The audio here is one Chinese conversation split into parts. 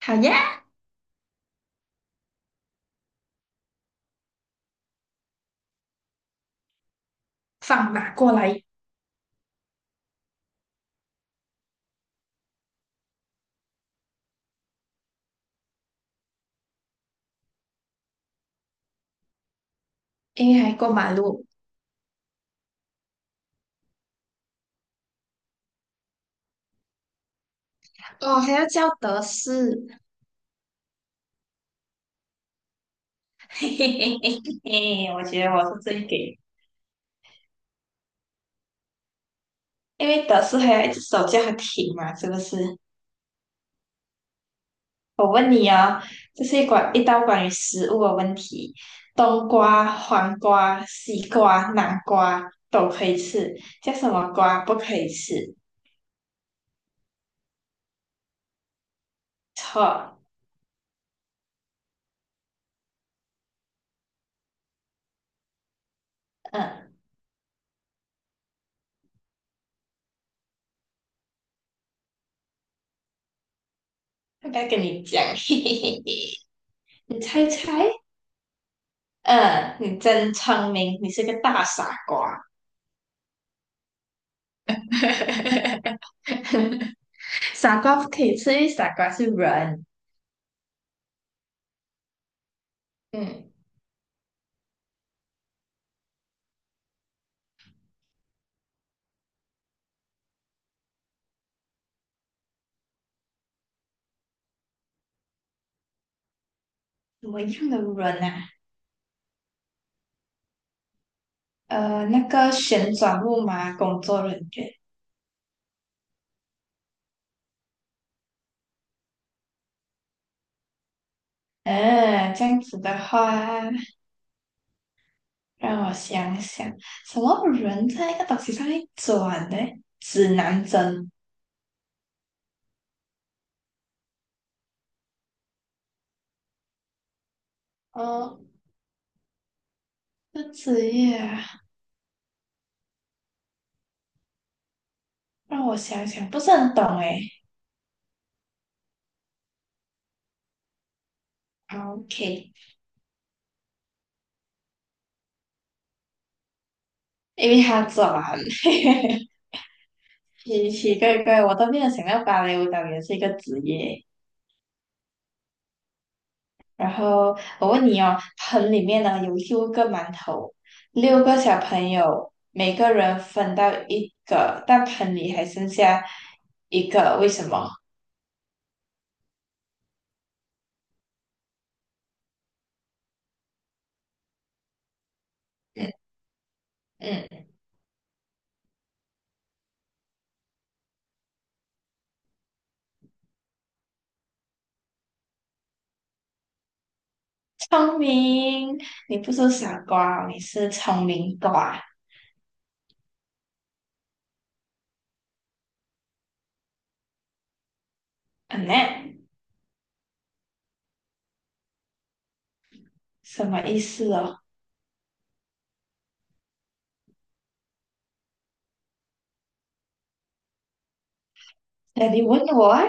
好呀，放马过来，因为还过马路哦，还要叫德士，嘿嘿嘿嘿嘿我觉得我是最给，因为德士还有一只手叫它停嘛，是不是？我问你哦，这是一关一道关于食物的问题，冬瓜、黄瓜、西瓜、南瓜都可以吃，叫什么瓜不可以吃？错。嗯，要不要跟你讲？嘿嘿嘿嘿，你猜猜。嗯，你真聪明，你是个大傻瓜。傻瓜不可以吃，因为傻瓜是人。嗯，什么样的人啊？那个旋转木马工作人员。嗯，这样子的话，让我想想，什么人在一个东西上面转呢？指南针。哦，这职业啊，让我想想，不是很懂诶。OK，因为他转，奇奇怪怪，我都没有想到芭蕾舞蹈员是一个职业。然后我问你哦，盆里面呢有六个馒头，六个小朋友，每个人分到一个，但盆里还剩下一个，为什么？嗯嗯，聪明，你不是傻瓜哦你是聪明瓜。嗯呢，什么意思哦？那你问我啊？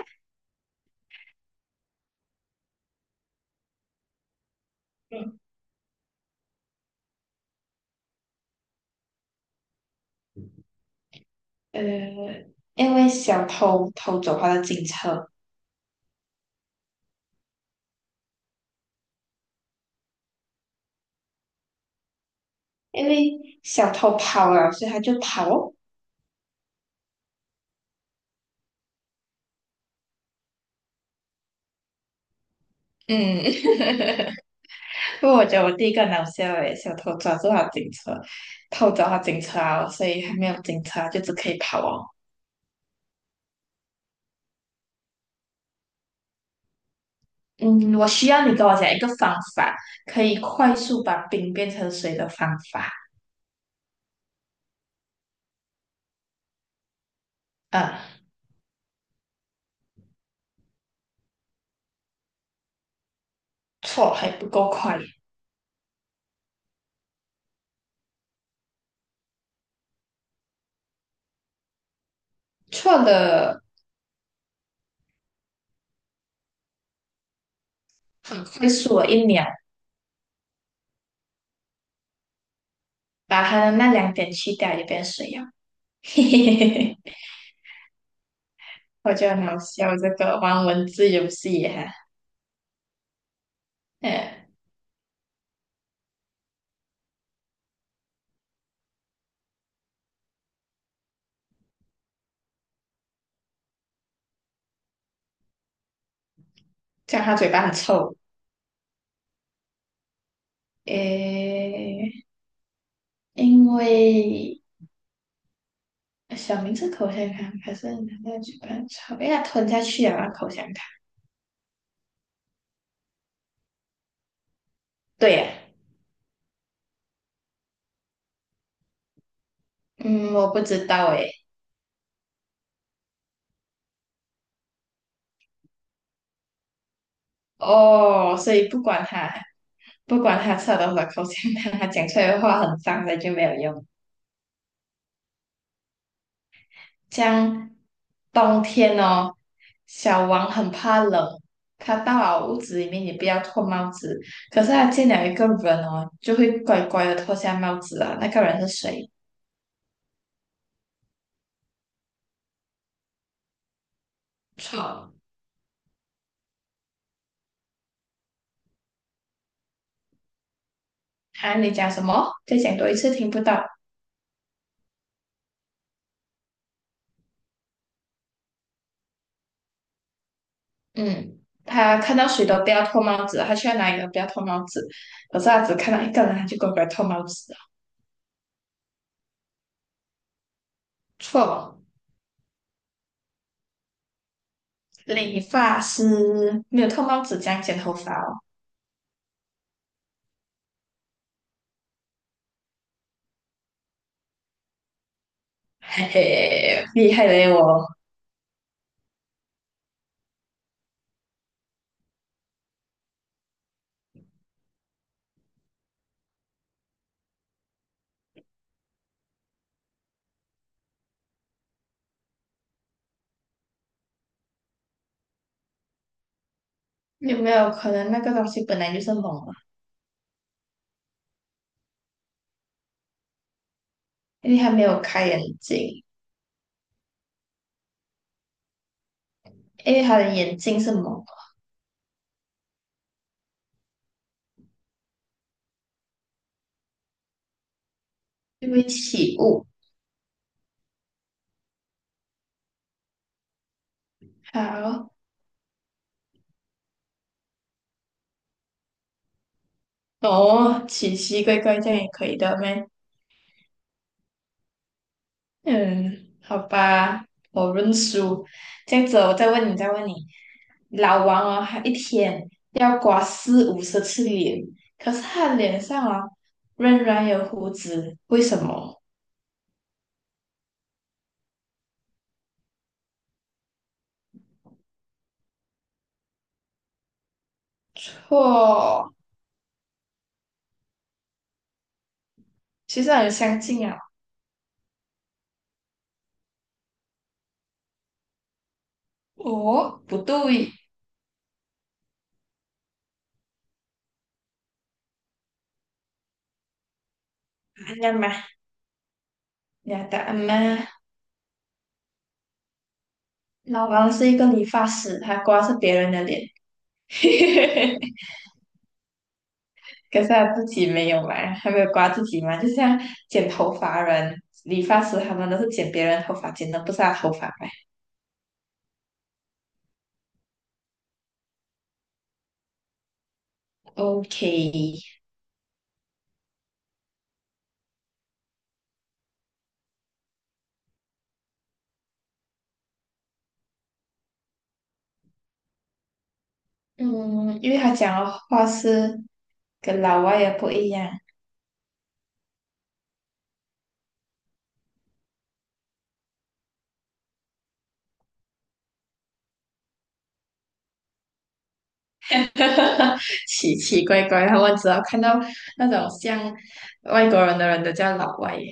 嗯，呃，因为小偷偷走他的警车，因为小偷跑了，所以他就跑哦。嗯，不过我觉得我第一个很好笑诶，小偷抓住他警车，偷走他警车啊，所以还没有警车就只可以跑哦。嗯，我需要你跟我讲一个方法，可以快速把冰变成水的方法。啊，错还不够快，错了很快速了一秒，把它的那两点去掉就变水了。嘿嘿嘿嘿，我觉得很好笑这个玩文字游戏哈。嗯，这样他嘴巴很臭。诶，因为小明是口香糖，可是拿在嘴巴抽，哎呀，吞下去啊，口香糖。对呀、嗯，我不知道诶。哦，所以不管他吃了多少口香糖，他讲出来的话很脏的就没有用。像冬天哦，小王很怕冷，他到了屋子里面也不要脱帽子，可是他见了一个人哦，就会乖乖的脱下帽子啊。那个人是谁？错。啊，你讲什么？再讲多一次，听不到。嗯，他看到谁都不要脱帽子，他去到哪里都不要脱帽子。可是他只看到一个人，他就乖乖脱帽子了。错，理发师没有脱帽子这样剪头发哦，嘿嘿，厉害嘞我。有没有可能那个东西本来就是蒙啊？因为他没有开眼睛，因为他的眼睛是蒙的，就会起雾。好，哦，奇奇怪怪这样也可以的咩？嗯，好吧，我认输。这样子，我再问你，老王哦，他一天要刮四五十次脸，可是他脸上哦仍然有胡子，为什么？错，其实很相近啊。哦，不对，哎呀妈，你的答案吗？老王是一个理发师，他刮是别人的脸。可是他自己没有嘛，还没有刮自己嘛，就像剪头发人、理发师他们都是剪别人头发，剪的不是他头发嘛。OK，嗯，因为他讲的话是跟老外也不一样，奇奇怪怪，他们只要看到那种像外国人的人都叫老外耶。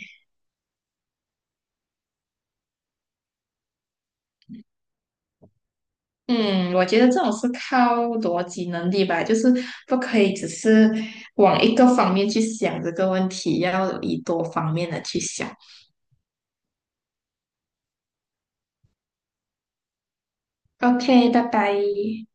嗯，我觉得这种是靠逻辑能力吧，就是不可以只是往一个方面去想这个问题，要以多方面的去想。OK, bye bye.